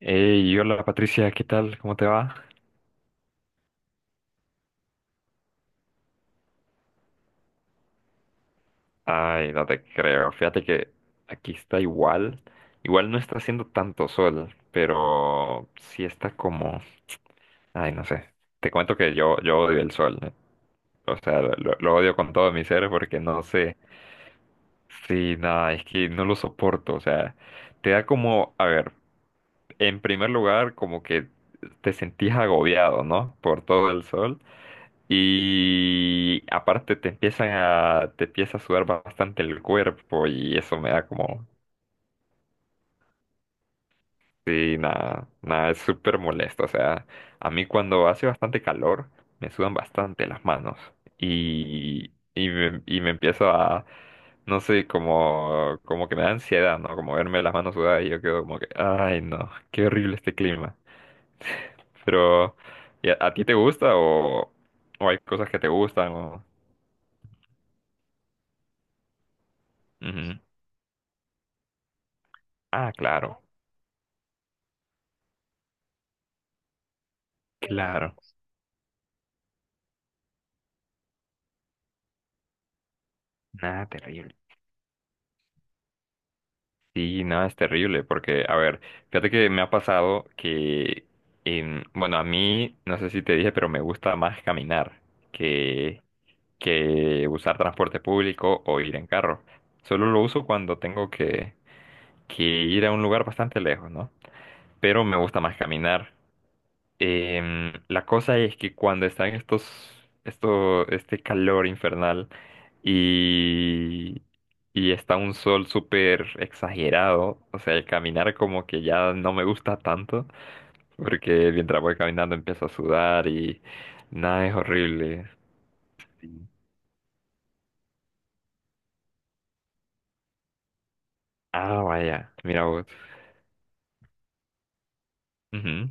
Hey, hola Patricia, ¿qué tal? ¿Cómo te va? Ay, no te creo. Fíjate que aquí está igual. Igual no está haciendo tanto sol, pero sí está como... Ay, no sé. Te cuento que yo odio el sol, ¿eh? O sea, odio con todo mi ser porque no sé. Sí, nada, es que no lo soporto. O sea, te da como... A ver, en primer lugar, como que te sentís agobiado, ¿no? Por todo el sol. Y aparte te empieza a sudar bastante el cuerpo y eso me da como, sí, nada, es súper molesto. O sea, a mí cuando hace bastante calor me sudan bastante las manos y me empiezo a, no sé, como que me da ansiedad, ¿no? Como verme las manos sudadas y yo quedo como que, ay, no, qué horrible este clima. Pero, ¿y a ti te gusta o hay cosas que te gustan o... Ujú. Ah, claro. Nada, terrible. Sí, nada, es terrible, porque, a ver, fíjate que me ha pasado que, bueno, a mí, no sé si te dije, pero me gusta más caminar que, que usar transporte público o ir en carro. Solo lo uso cuando tengo que ir a un lugar bastante lejos, ¿no? Pero me gusta más caminar. La cosa es que cuando están este calor infernal y, y está un sol súper exagerado, o sea, el caminar como que ya no me gusta tanto, porque mientras voy caminando empiezo a sudar y nada, es horrible. Sí. Ah, vaya, mira vos. Ujú,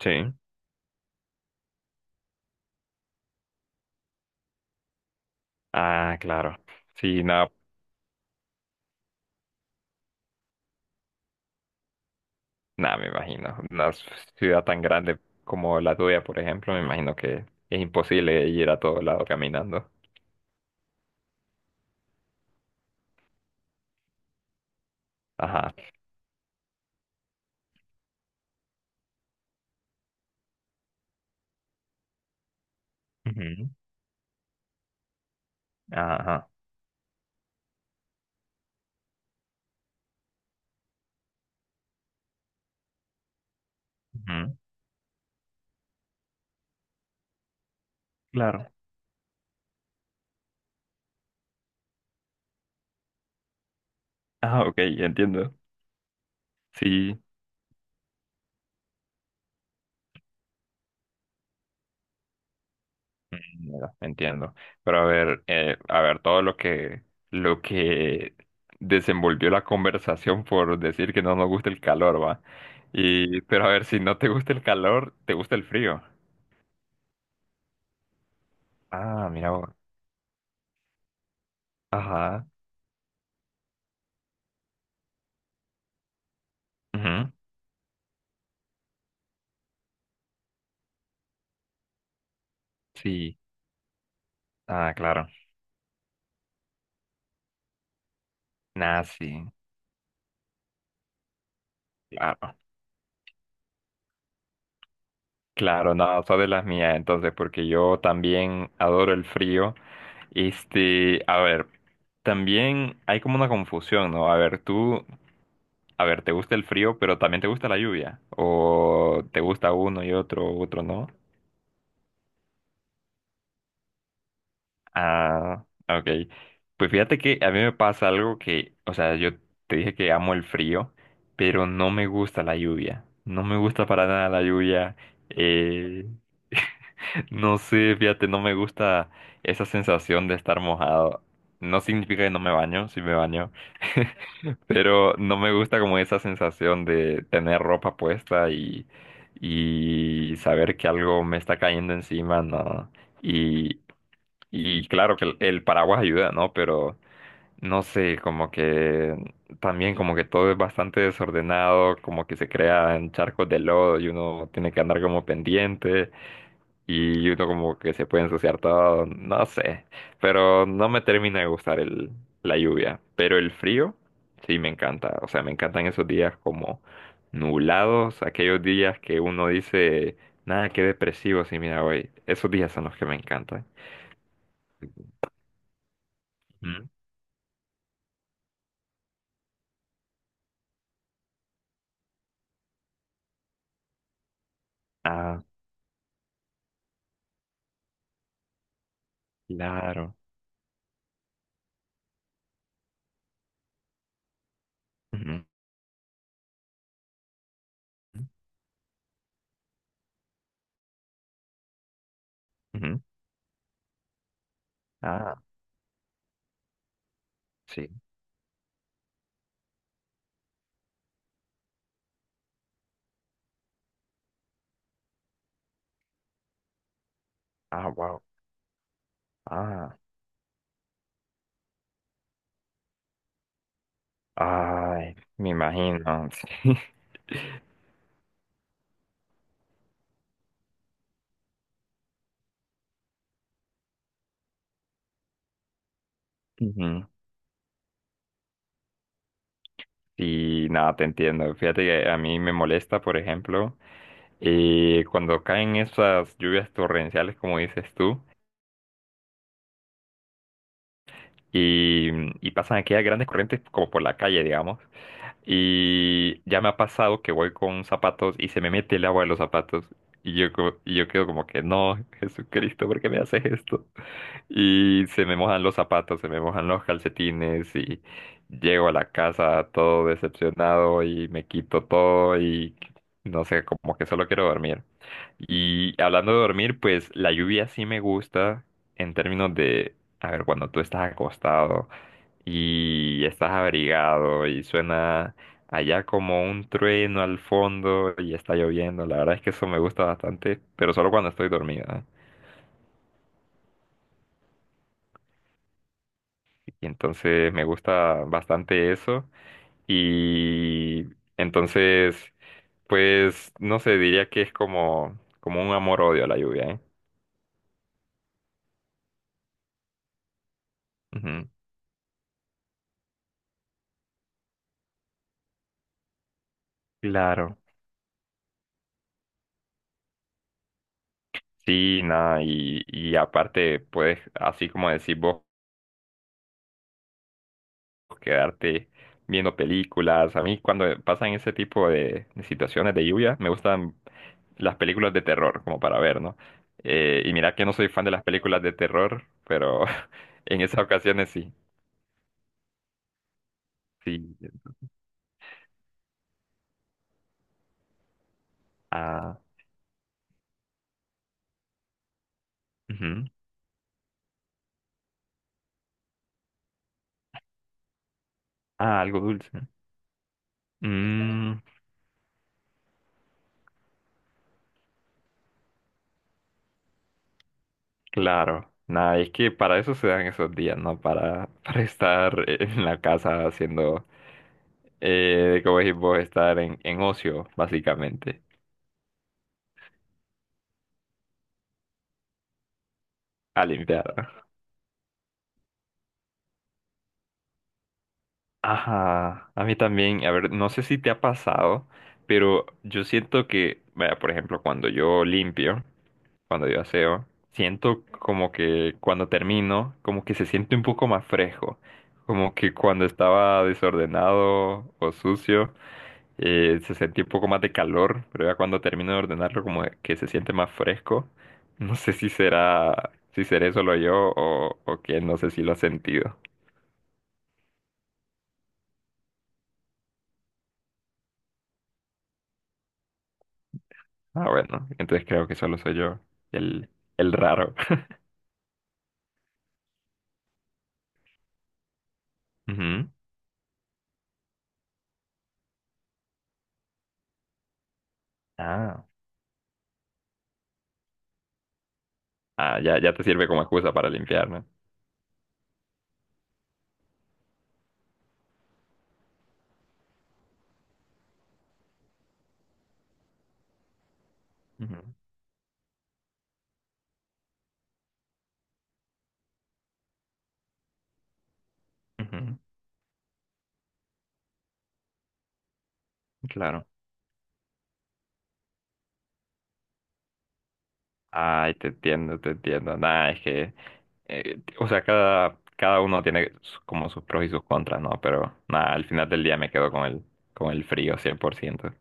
Sí. Ah, claro. Sí, nada, Nada, me imagino. Una ciudad tan grande como la tuya, por ejemplo, me imagino que es imposible ir a todo lado caminando. Ajá. Ujú, Ajá. Ujú, Claro. Ah, ok, entiendo. Sí, mm, ya, entiendo. Pero a ver, todo lo que desenvolvió la conversación por decir que no nos gusta el calor, va. Y, pero a ver, si no te gusta el calor, te gusta el frío. Ah, mira vos. Ajá. Ujú, Sí. Ah, claro. Nah, sí, claro, claro, no, sos de las mías, entonces, porque yo también adoro el frío. Este, a ver, también hay como una confusión, ¿no? A ver, tú, a ver, ¿te gusta el frío, pero también te gusta la lluvia? ¿O te gusta uno y otro, otro no? Ah, ok. Pues fíjate que a mí me pasa algo que, o sea, yo te dije que amo el frío, pero no me gusta la lluvia. No me gusta para nada la lluvia. Eh, No sé, fíjate, no me gusta esa sensación de estar mojado. No significa que no me baño, sí me baño, pero no me gusta como esa sensación de tener ropa puesta y saber que algo me está cayendo encima, ¿no? Y, y claro que el paraguas ayuda, ¿no? Pero no sé, como que también como que todo es bastante desordenado, como que se crean charcos de lodo y uno tiene que andar como pendiente y uno como que se puede ensuciar todo, no sé, pero no me termina de gustar la lluvia, pero el frío sí me encanta, o sea, me encantan esos días como nublados, aquellos días que uno dice, nada, qué depresivo, sí, mira, hoy, esos días son los que me encantan. Ujú. Ah, claro. Ujú, ujú. Ah, sí. Ah, wow. Ah, ay, me imagino. Sí. Ujú. Y nada, te entiendo. Fíjate que a mí me molesta, por ejemplo, cuando caen esas lluvias torrenciales, como dices tú, y, y pasan aquellas grandes corrientes como por la calle, digamos. Y ya me ha pasado que voy con zapatos y se me mete el agua de los zapatos. Y yo, y yo quedo como que, no, Jesucristo, ¿por qué me haces esto? Y se me mojan los zapatos, se me mojan los calcetines y llego a la casa todo decepcionado y me quito todo y no sé, como que solo quiero dormir. Y hablando de dormir, pues la lluvia sí me gusta en términos de, a ver, cuando tú estás acostado y estás abrigado y suena allá como un trueno al fondo y está lloviendo, la verdad es que eso me gusta bastante, pero solo cuando estoy dormida. Y entonces me gusta bastante eso. Y entonces, pues, no sé, diría que es como, como un amor-odio a la lluvia, ¿eh? Ujú. Claro. Sí, nada, y aparte puedes, así como decís vos, quedarte viendo películas. A mí cuando pasan ese tipo de situaciones de lluvia, me gustan las películas de terror, como para ver, ¿no? Y mira que no soy fan de las películas de terror, pero en esas ocasiones sí, sí. Ah, ujú. Ah, algo dulce. Claro, nada, es que para eso se dan esos días, ¿no? Para, para estar en la casa haciendo, como decís vos, estar en ocio, básicamente, a limpiar. Ajá, a mí también, a ver, no sé si te ha pasado, pero yo siento que, vaya, por ejemplo, cuando yo limpio, cuando yo aseo, siento como que cuando termino, como que se siente un poco más fresco, como que cuando estaba desordenado o sucio. Eh, se sentía un poco más de calor, pero ya cuando termino de ordenarlo como que se siente más fresco. No sé si será, si seré solo yo o que no sé si lo has sentido. Ah, bueno, entonces creo que solo soy yo el, el raro. Ujú. Ah, ah, ya te sirve como excusa para limpiar, no. Ujú, ujú, Claro. Ay, te entiendo, te entiendo. Nada, es que, o sea, cada uno tiene su- como sus pros y sus contras, ¿no? Pero nada, al final del día me quedo con el frío 100%.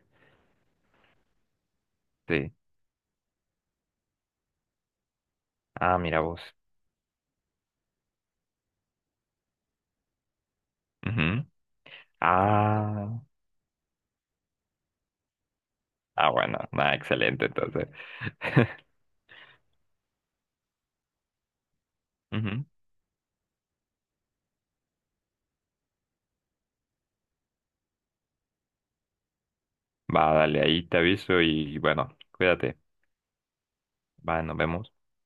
Sí. Ah, mira vos. Ujú. Ah, ah, bueno, nada, excelente, entonces. Ujú. Va, dale, ahí te aviso y bueno, cuídate. Va, nos vemos.